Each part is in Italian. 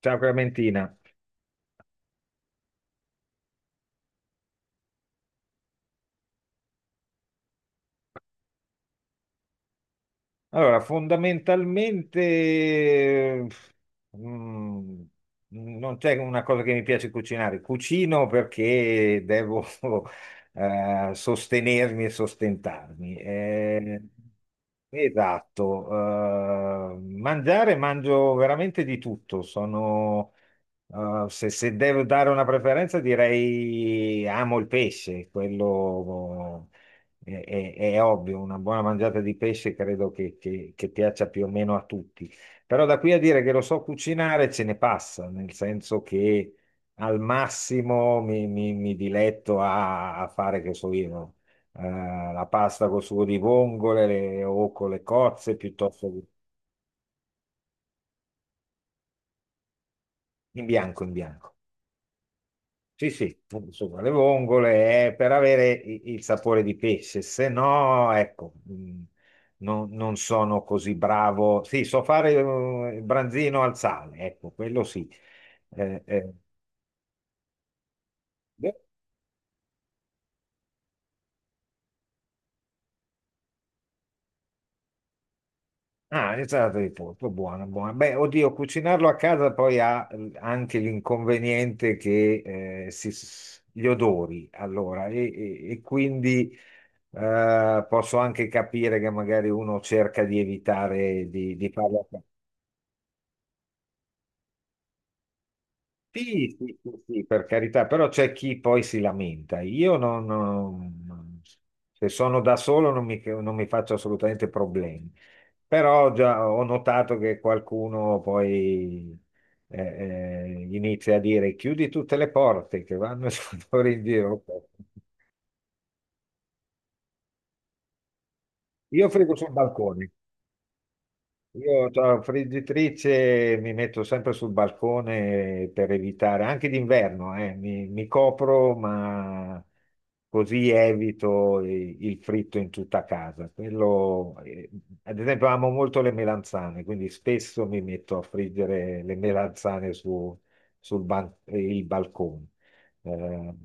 Ciao Clementina. Allora, fondamentalmente mm, non c'è una cosa che mi piace cucinare. Cucino perché devo sostenermi e sostentarmi. Esatto. Mangiare, mangio veramente di tutto. Sono, se, se devo dare una preferenza, direi amo il pesce, quello è, è ovvio, una buona mangiata di pesce credo che, che piaccia più o meno a tutti. Però da qui a dire che lo so cucinare ce ne passa, nel senso che al massimo mi diletto a, a fare, che so io, no? La pasta col sugo di vongole o con le cozze piuttosto che in bianco, in bianco. Sì, sì, insomma, le vongole è per avere il sapore di pesce, se no, ecco, non, non sono così bravo. Sì, so fare il branzino al sale, ecco, quello sì. Eh, eh. beh, Ah, insalata di polpo, buona, buona. Beh, oddio, cucinarlo a casa poi ha anche l'inconveniente che gli odori, allora, e quindi posso anche capire che magari uno cerca di evitare di farlo. Sì, sì, sì, sì, per carità, però c'è chi poi si lamenta. Io non, non- Se sono da solo non mi faccio assolutamente problemi, però già ho notato che qualcuno poi eh, inizia a dire chiudi tutte le porte che vanno e sono in giro. Io frigo sul balcone. Io la friggitrice mi metto sempre sul balcone per evitare, anche d'inverno, mi copro, ma così evito il fritto in tutta casa. Quello, ad esempio, amo molto le melanzane, quindi spesso mi metto a friggere le melanzane su, il balcone. Ehm,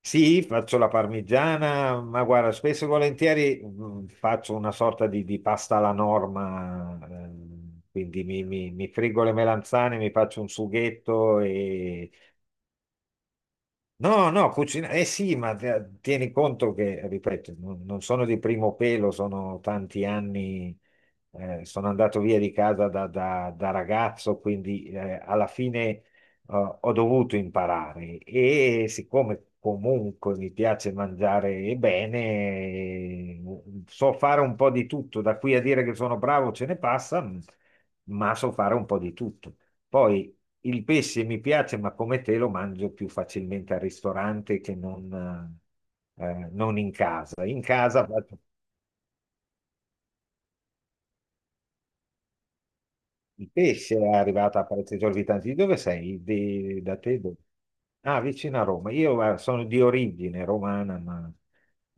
sì, faccio la parmigiana, ma guarda, spesso e volentieri faccio una sorta di pasta alla norma, quindi mi friggo le melanzane, mi faccio un sughetto e no, no, cucina, eh sì, ma tieni conto che, ripeto, non, non sono di primo pelo, sono tanti anni, sono andato via di casa da, da ragazzo, quindi alla fine ho dovuto imparare e siccome comunque mi piace mangiare bene, so fare un po' di tutto, da qui a dire che sono bravo ce ne passa, ma so fare un po' di tutto. Poi il pesce mi piace, ma come te lo mangio più facilmente al ristorante che non, non in casa. Il pesce è arrivato a prezzi esorbitanti. Di dove sei? Da te? Dove? Ah, vicino a Roma. Io sono di origine romana, ma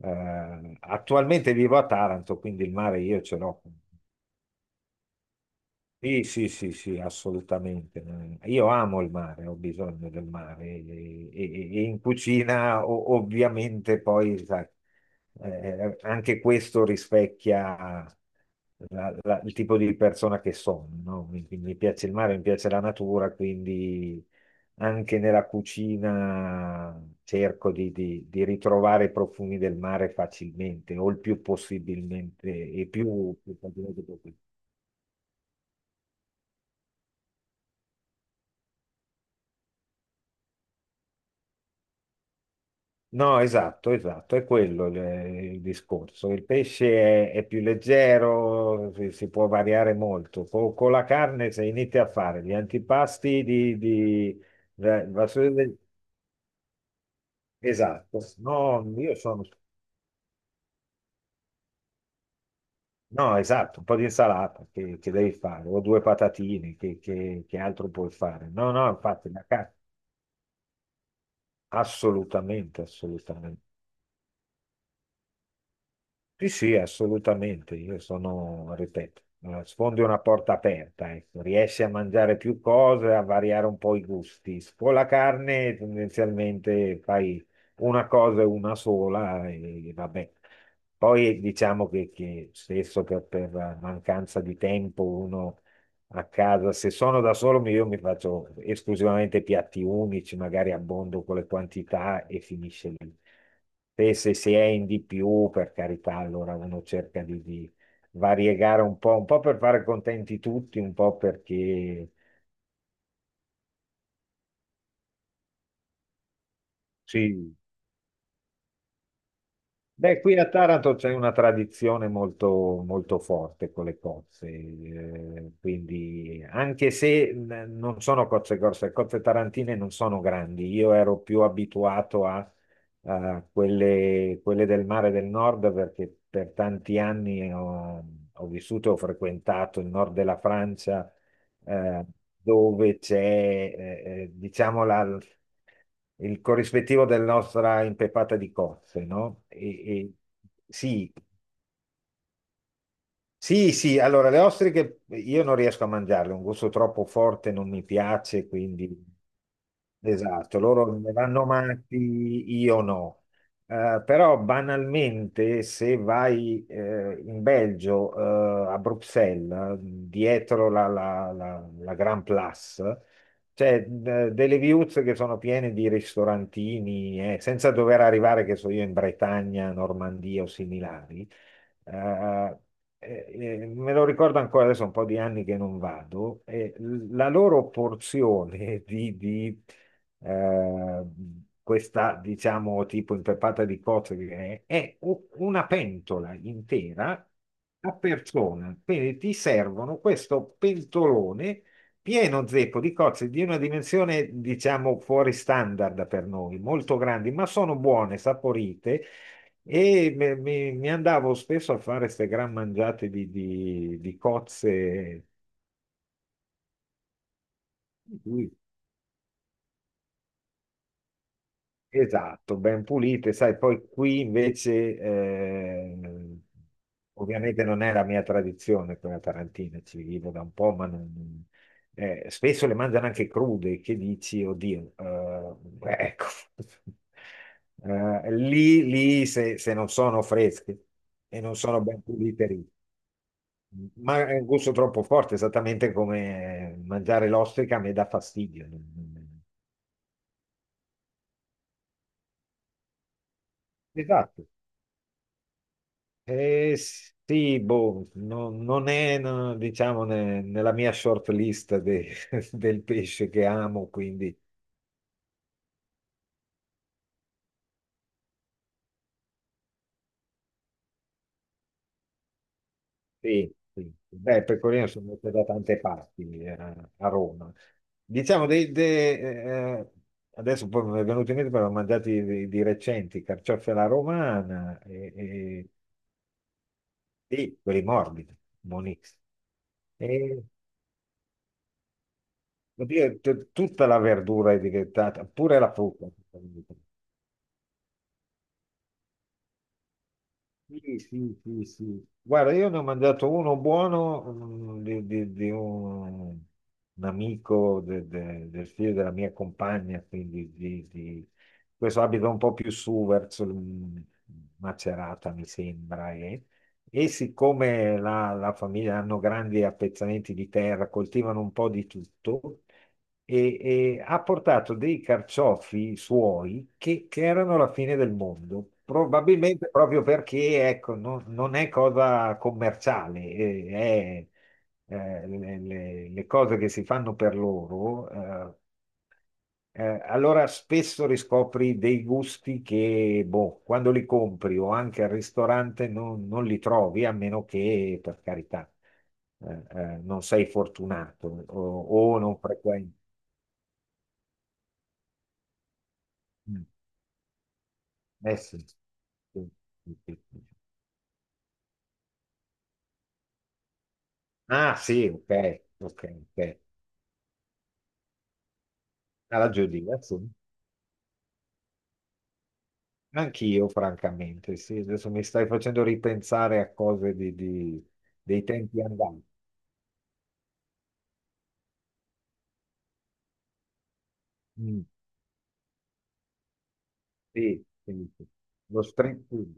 attualmente vivo a Taranto, quindi il mare io ce l'ho. Sì, sì, sì, sì, assolutamente. Io amo il mare, ho bisogno del mare e, e in cucina ovviamente poi, sai, anche questo rispecchia il tipo di persona che sono, no? Mi piace il mare, mi piace la natura, quindi anche nella cucina cerco di, di ritrovare i profumi del mare facilmente o il più possibilmente e più facilmente possibile. No, esatto, esatto, è quello il discorso. Il pesce è più leggero, si può variare molto. Con, la carne, se inizi a fare gli antipasti di, da- da- esatto, no, io sono, no, esatto, un po' di insalata che devi fare, o due patatine, che, che altro puoi fare? No, no, infatti, la carne, assolutamente, assolutamente. Sì, sì, assolutamente. Io sono, ripeto, sfondi una porta aperta, ecco. Riesci a mangiare più cose, a variare un po' i gusti. Con la carne tendenzialmente fai una cosa e una sola e vabbè. Poi diciamo che spesso per mancanza di tempo uno a casa, se sono da solo io mi faccio esclusivamente piatti unici, magari abbondo con le quantità e finisce lì. E se si è in di più, per carità, allora uno cerca di variegare un po' per fare contenti tutti, un po' perché sì, beh, qui a Taranto c'è una tradizione molto, molto forte con le cozze, quindi anche se non sono cozze grosse, le cozze tarantine non sono grandi, io ero più abituato a, a quelle, quelle del mare del nord perché per tanti anni ho, ho vissuto e ho frequentato il nord della Francia eh, dove c'è, diciamo, il corrispettivo della nostra impeppata di cozze, no? E sì, sì, sì, allora le ostriche io non riesco a mangiarle, un gusto troppo forte non mi piace, quindi esatto, loro ne vanno matti, io no. Però banalmente se vai in Belgio, a Bruxelles, dietro la Grand Place, c'è delle viuzze che sono piene di ristorantini, senza dover arrivare, che so io, in Bretagna, Normandia o similari eh, me lo ricordo ancora adesso, un po' di anni che non vado, e la loro porzione di, eh, questa, diciamo, tipo impeppata di cozze, è una pentola intera a persona. Quindi ti servono questo pentolone pieno zeppo di cozze di una dimensione, diciamo, fuori standard per noi, molto grandi, ma sono buone, saporite e mi andavo spesso a fare queste gran mangiate di, di cozze, di cui- esatto, ben pulite, sai, poi qui invece, ovviamente non è la mia tradizione quella tarantina, ci vivo da un po', ma spesso le mangiano anche crude, che dici, oddio, ecco, eh, lì se non sono fresche e non sono ben pulite. Ma è un gusto troppo forte, esattamente come mangiare l'ostrica a me dà fastidio. Non esatto. Sì, boh, non è, no, diciamo, nella mia short list del pesce che amo, quindi sì, sì. Beh, il pecorino sono andato da tante parti a Roma. Diciamo, adesso poi mi è venuto in mente, però ho mangiati di recenti, carciofi alla romana e sì, quelli morbidi, buonissimi. E oddio, tutta la verdura è diventata, pure la frutta. Sì, sì, sì, sì. Guarda, io ne ho mangiato uno buono di, di un amico del figlio della mia compagna, quindi di, questo abita un po' più su verso Macerata, mi sembra. E siccome la famiglia hanno grandi appezzamenti di terra, coltivano un po' di tutto e, e ha portato dei carciofi suoi che erano la fine del mondo, probabilmente proprio perché ecco, non, non è cosa commerciale, è, le, le cose che si fanno per loro. Allora spesso riscopri dei gusti che, boh, quando li compri o anche al ristorante non, non li trovi, a meno che, per carità, non sei fortunato o non frequenti. Mm. Eh sì. Sì, sì, sì, sì. Ah sì, ok, ok, ok. Alla Judy, sì. Anch'io, francamente, sì, adesso mi stai facendo ripensare a cose di, dei tempi andati. Mm, sì, sì, sì. Lo street food.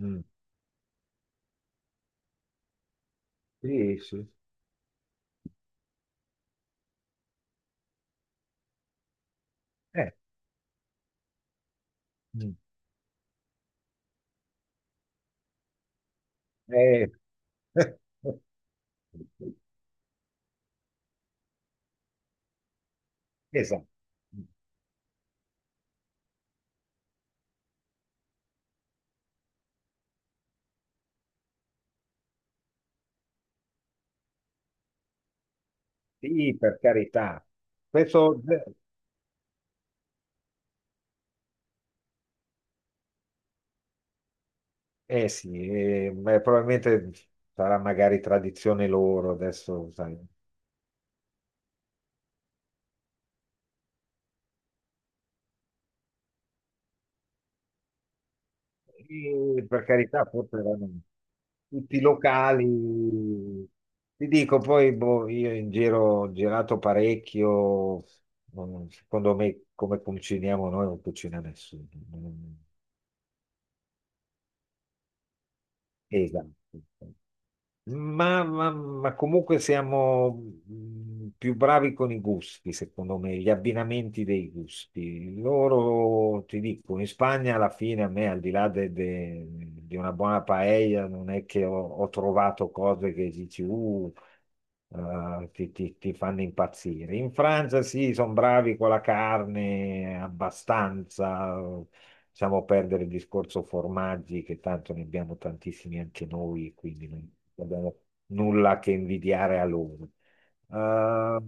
Mm, sì, sì. Eh, mm, eh. Esatto. Mm, sì, per carità. Questo Eh sì, beh, probabilmente sarà magari tradizione loro adesso, sai. E per carità, forse erano tutti locali. Ti dico, poi boh, io in giro ho girato parecchio, non secondo me come cuciniamo noi non cucina nessuno. Non esatto. Ma comunque siamo più bravi con i gusti, secondo me, gli abbinamenti dei gusti. Loro, ti dico, in Spagna alla fine a me, al di là di una buona paella, non è che ho, ho trovato cose che dici, ti fanno impazzire. In Francia sì, sono bravi con la carne abbastanza, lasciamo perdere il discorso formaggi, che tanto ne abbiamo tantissimi anche noi, quindi non abbiamo nulla che invidiare a loro. Eh,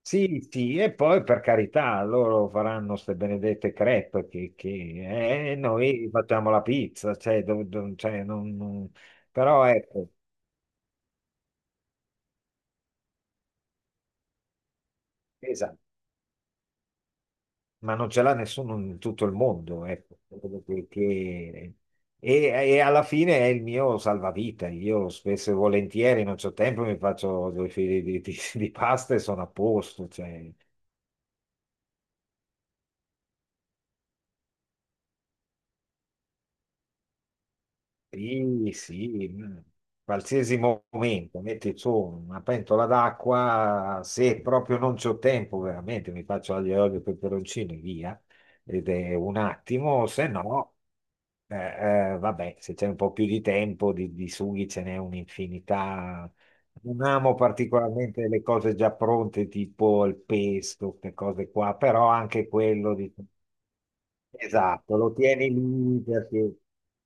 sì, sì, e poi per carità, loro faranno queste benedette crepe che, noi facciamo la pizza, cioè, cioè, però ecco, esatto, ma non ce l'ha nessuno in tutto il mondo, ecco. Che- che- e alla fine è il mio salvavita. Io spesso e volentieri non ho tempo, mi faccio due fili di, di pasta e sono a posto. Cioè, sì, sì, mm, qualsiasi momento, metti su una pentola d'acqua, se proprio non c'ho tempo, veramente mi faccio aglio e olio e peperoncino e via, ed è un attimo, se no, vabbè, se c'è un po' più di tempo, di sughi ce n'è un'infinità. Non amo particolarmente le cose già pronte, tipo il pesto, queste cose qua, però anche quello di... Esatto, lo tieni lì perché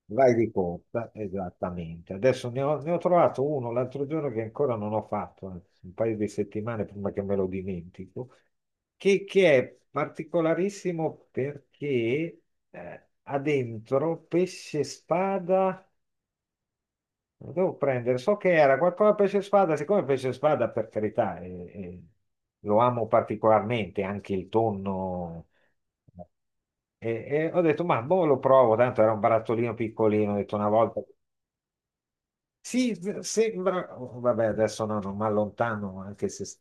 vai di corsa, esattamente. Adesso ne ho trovato uno l'altro giorno che ancora non ho fatto, anzi, un paio di settimane prima che me lo dimentico, che è particolarissimo perché ha dentro pesce spada, lo devo prendere, so che era qualcosa pesce spada, siccome pesce spada per carità è lo amo particolarmente, anche il tonno e, e ho detto, ma boh, lo provo, tanto era un barattolino piccolino, ho detto una volta, sì, sembra, oh, vabbè, adesso no, non mi allontano, anche se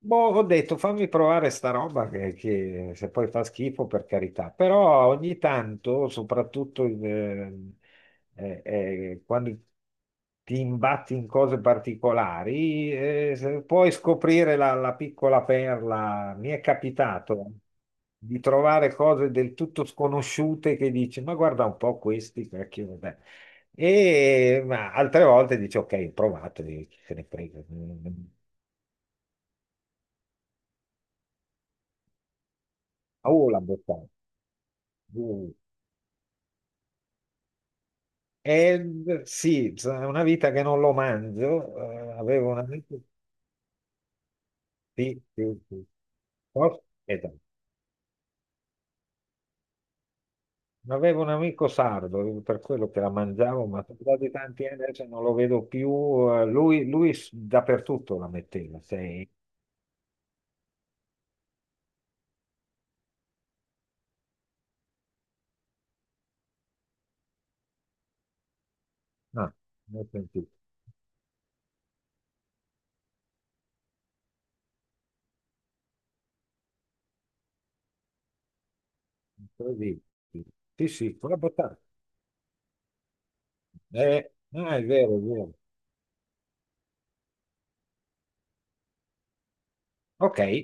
boh, ho detto fammi provare sta roba che se poi fa schifo per carità, però ogni tanto, soprattutto in, eh, quando ti imbatti in cose particolari, se puoi scoprire la piccola perla. Mi è capitato di trovare cose del tutto sconosciute che dici, ma guarda un po' questi, cacchio, vabbè. E ma altre volte dici, ok, ho provato, e chi se ne frega. Oh, l'ha buttata. Uh, eh, sì, è una vita che non lo mangio. Avevo un amico, sì, sì, sì. Oh, aspetta. Avevo un amico sardo, per quello che la mangiavo, ma sono passati tanti anni adesso non lo vedo più. Lui dappertutto la metteva, sei... No, non ho sentito. Così. Sì, sì, con la bottata. Ah, è vero, è vero. Ok.